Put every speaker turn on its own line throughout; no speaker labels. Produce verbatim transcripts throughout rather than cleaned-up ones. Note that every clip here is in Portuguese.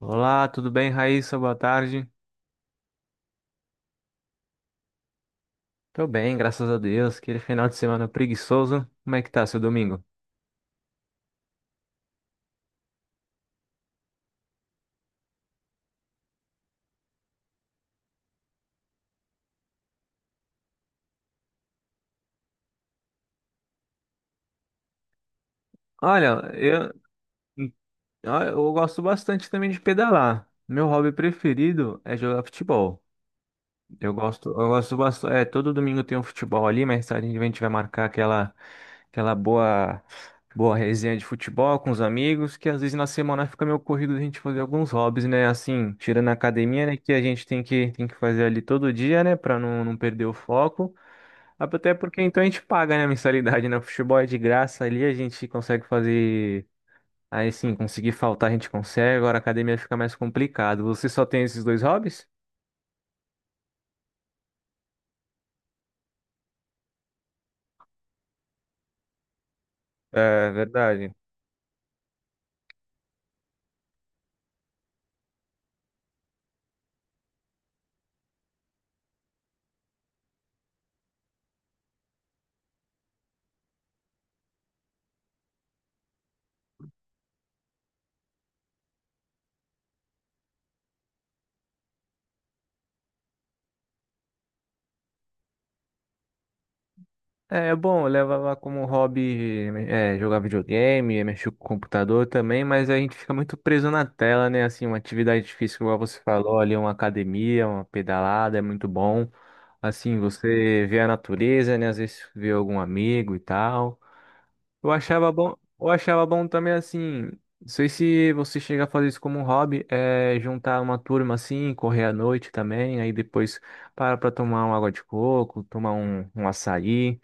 Olá, tudo bem, Raíssa? Boa tarde. Tô bem, graças a Deus. Aquele final de semana preguiçoso. Como é que tá seu domingo? Olha, eu, eu gosto bastante também de pedalar. Meu hobby preferido é jogar futebol. Eu gosto, eu gosto bastante. É, todo domingo tem um futebol ali, mas a gente vai marcar aquela, aquela boa, boa resenha de futebol com os amigos, que às vezes na semana fica meio corrido a gente fazer alguns hobbies, né? Assim, tirando a academia, né? Que a gente tem que, tem que fazer ali todo dia, né? Pra não, não perder o foco. Até porque então a gente paga, né? A mensalidade, né? O futebol é de graça ali, a gente consegue fazer. Aí sim, conseguir faltar a gente consegue, agora a academia fica mais complicado. Você só tem esses dois hobbies? É verdade. É é bom, eu levava como hobby é, jogar videogame, mexer com o computador também, mas a gente fica muito preso na tela, né? Assim, uma atividade difícil igual você falou, ali uma academia, uma pedalada, é muito bom. Assim, você vê a natureza, né? Às vezes vê algum amigo e tal. Eu achava bom, eu achava bom também, assim, não sei se você chega a fazer isso como um hobby, é juntar uma turma assim, correr à noite também, aí depois para pra tomar uma água de coco, tomar um, um açaí.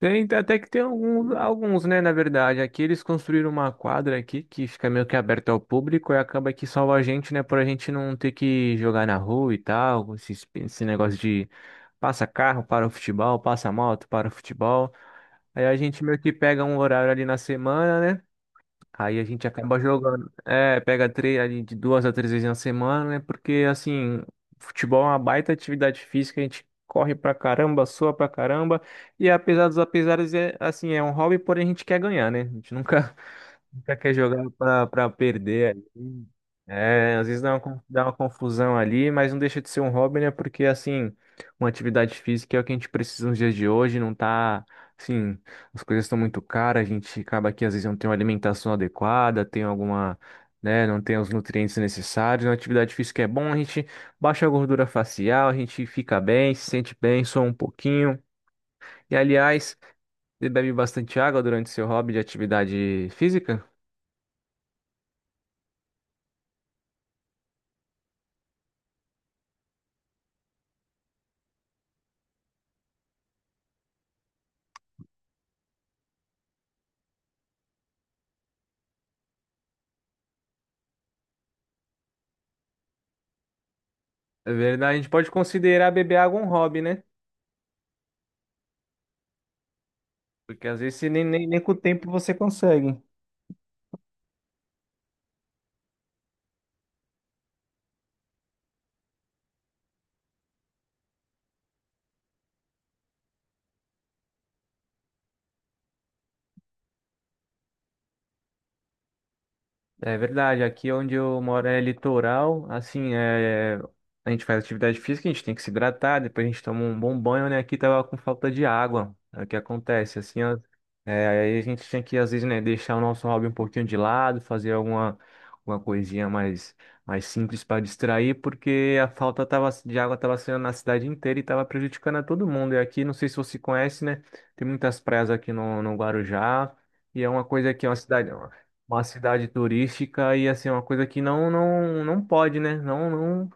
Tem, até que tem alguns, alguns, né, na verdade. Aqui eles construíram uma quadra aqui que fica meio que aberta ao público e acaba que salva a gente, né, por a gente não ter que jogar na rua e tal, esse, esse negócio de passa carro para o futebol, passa moto para o futebol. Aí a gente meio que pega um horário ali na semana, né? Aí a gente acaba jogando. É, pega três, ali de duas a três vezes na semana, né? Porque, assim, futebol é uma baita atividade física, a gente corre pra caramba, sua pra caramba. E apesar dos apesares, é, assim, é um hobby, porém a gente quer ganhar, né? A gente nunca, nunca quer jogar pra, pra perder ali. É, às vezes dá uma, con- dá uma confusão ali, mas não deixa de ser um hobby, né? Porque, assim, uma atividade física é o que a gente precisa nos dias de hoje, não tá, assim, as coisas estão muito caras, a gente acaba que às vezes não tem uma alimentação adequada, tem alguma, né, não tem os nutrientes necessários. Uma atividade física é bom, a gente baixa a gordura facial, a gente fica bem, se sente bem, só um pouquinho. E, aliás, você bebe bastante água durante seu hobby de atividade física? É verdade, a gente pode considerar beber água um hobby, né? Porque às vezes você nem, nem, nem com o tempo você consegue. É verdade, aqui onde eu moro é litoral, assim, é... a gente faz atividade física, a gente tem que se hidratar, depois a gente toma um bom banho, né? Aqui tava com falta de água, é o que acontece, assim, ó, é, aí a gente tinha que, às vezes, né, deixar o nosso hobby um pouquinho de lado, fazer alguma, alguma coisinha mais, mais simples para distrair, porque a falta tava, de água estava sendo na cidade inteira e estava prejudicando a todo mundo. E aqui, não sei se você conhece, né, tem muitas praias aqui no, no Guarujá, e é uma coisa que é uma cidade uma cidade turística e assim, uma coisa que não não não pode, né? Não não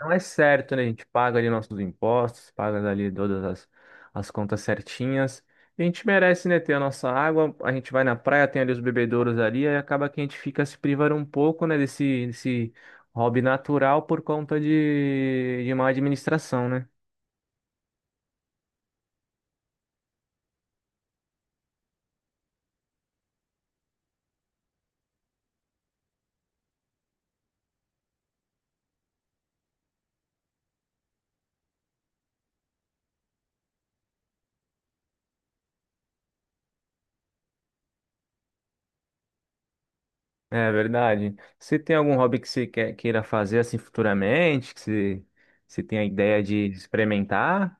não é certo, né? A gente paga ali nossos impostos, paga ali todas as, as contas certinhas. E a gente merece, né, ter a nossa água, a gente vai na praia, tem ali os bebedouros ali, aí acaba que a gente fica se privando um pouco, né, desse, desse hobby natural por conta de, de má administração, né? É verdade. Você tem algum hobby que você quer- queira fazer assim futuramente, que você, você tem a ideia de experimentar?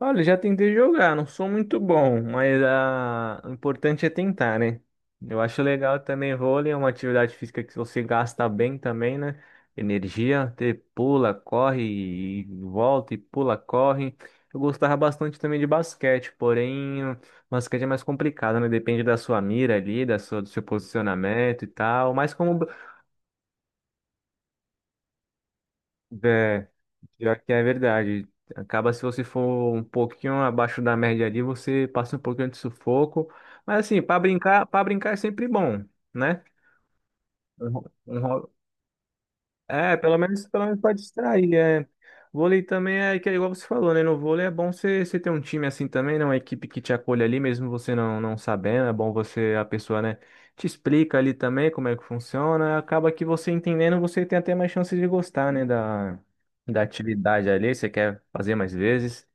Olha, já tentei jogar, não sou muito bom, mas ah, o importante é tentar, né? Eu acho legal também vôlei, é uma atividade física que você gasta bem também, né? Energia, você pula, corre e volta e pula, corre. Eu gostava bastante também de basquete, porém, o basquete é mais complicado, né? Depende da sua mira ali, da sua, do seu posicionamento e tal. Mas como, é, pior que é verdade. Acaba se você for um pouquinho abaixo da média ali, você passa um pouquinho de sufoco. Mas assim, para brincar, para brincar é sempre bom, né? Um, ho- um ho- É, pelo menos, pelo menos pra distrair, é. Vôlei também é que é igual você falou, né? No vôlei é bom você, você ter um time assim também, né? Uma equipe que te acolhe ali, mesmo você não, não sabendo. É bom você, a pessoa, né, te explica ali também como é que funciona. Acaba que você entendendo, você tem até mais chances de gostar, né? Da, da atividade ali, você quer fazer mais vezes.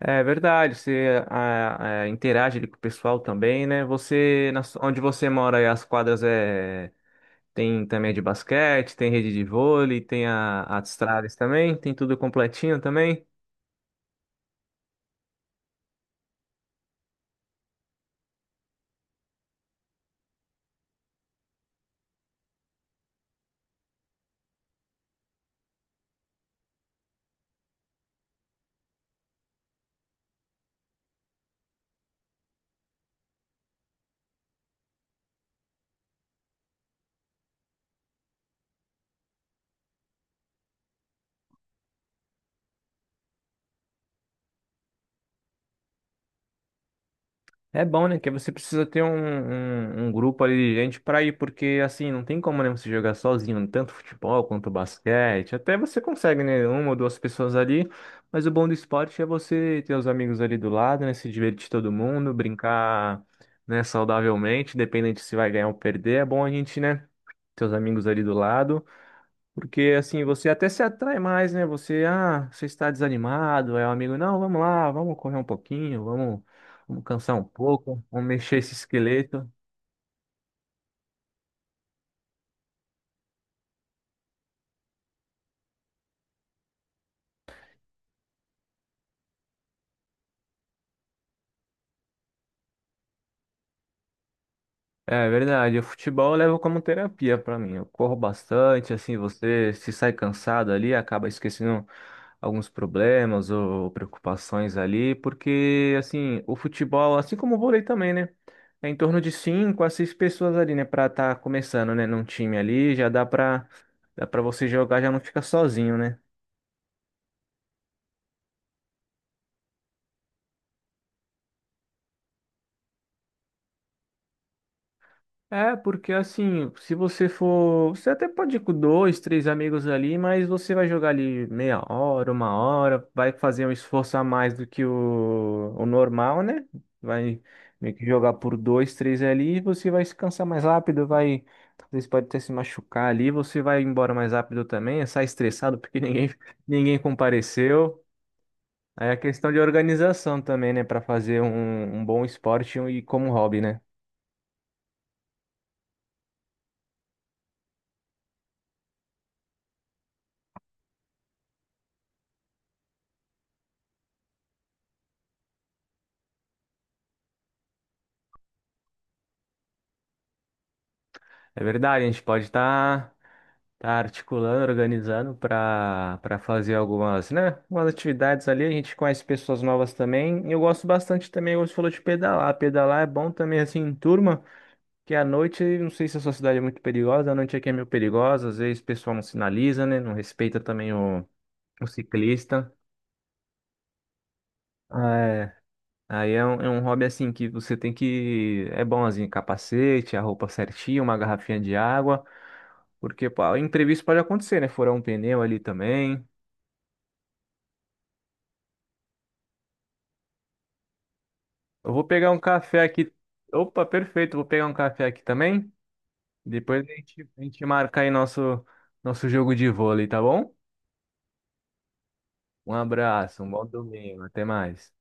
É verdade, você ah, ah, interage ali com o pessoal também, né? Você, na su- onde você mora, aí, as quadras é tem também a de basquete, tem rede de vôlei, tem a, a de estradas também, tem tudo completinho também. É bom, né? Que você precisa ter um, um, um grupo ali de gente para ir, porque assim, não tem como né, você jogar sozinho, tanto futebol quanto basquete. Até você consegue, né? Uma ou duas pessoas ali, mas o bom do esporte é você ter os amigos ali do lado, né? Se divertir todo mundo, brincar, né, saudavelmente, independente se vai ganhar ou perder. É bom a gente, né? Ter os amigos ali do lado. Porque assim, você até se atrai mais, né? Você, ah, você está desanimado, é o amigo, não, vamos lá, vamos correr um pouquinho, vamos, vamos cansar um pouco, vamos mexer esse esqueleto. É verdade, o futebol eu levo como terapia pra mim. Eu corro bastante, assim, você se sai cansado ali, acaba esquecendo alguns problemas ou preocupações ali, porque assim, o futebol, assim como o vôlei também, né? É em torno de cinco a seis pessoas ali, né, pra estar começando, né, num time ali, já dá pra dá para você jogar, já não fica sozinho, né? É, porque assim, se você for. Você até pode ir com dois, três amigos ali, mas você vai jogar ali meia hora, uma hora, vai fazer um esforço a mais do que o, o normal, né? Vai meio que jogar por dois, três ali, e você vai se cansar mais rápido, vai. Talvez pode até se machucar ali, você vai embora mais rápido também, sai estressado porque ninguém, ninguém compareceu. Aí a questão de organização também, né? Pra fazer um, um bom esporte e como hobby, né? É verdade, a gente pode estar tá articulando, organizando para para fazer algumas, né, umas atividades ali. A gente conhece pessoas novas também. E eu gosto bastante também, você falou de pedalar. Pedalar é bom também assim em turma, que à noite, não sei se a sua cidade é muito perigosa, a noite aqui é meio perigosa, às vezes o pessoal não sinaliza, né, não respeita também o, o ciclista. É, aí é um, é um hobby assim que você tem que. É bom assim, capacete, a roupa certinha, uma garrafinha de água. Porque, pô, imprevisto pode acontecer, né? Furar um pneu ali também. Eu vou pegar um café aqui. Opa, perfeito. Vou pegar um café aqui também. Depois a gente, a gente marca aí nosso, nosso jogo de vôlei, tá bom? Um abraço, um bom domingo. Até mais.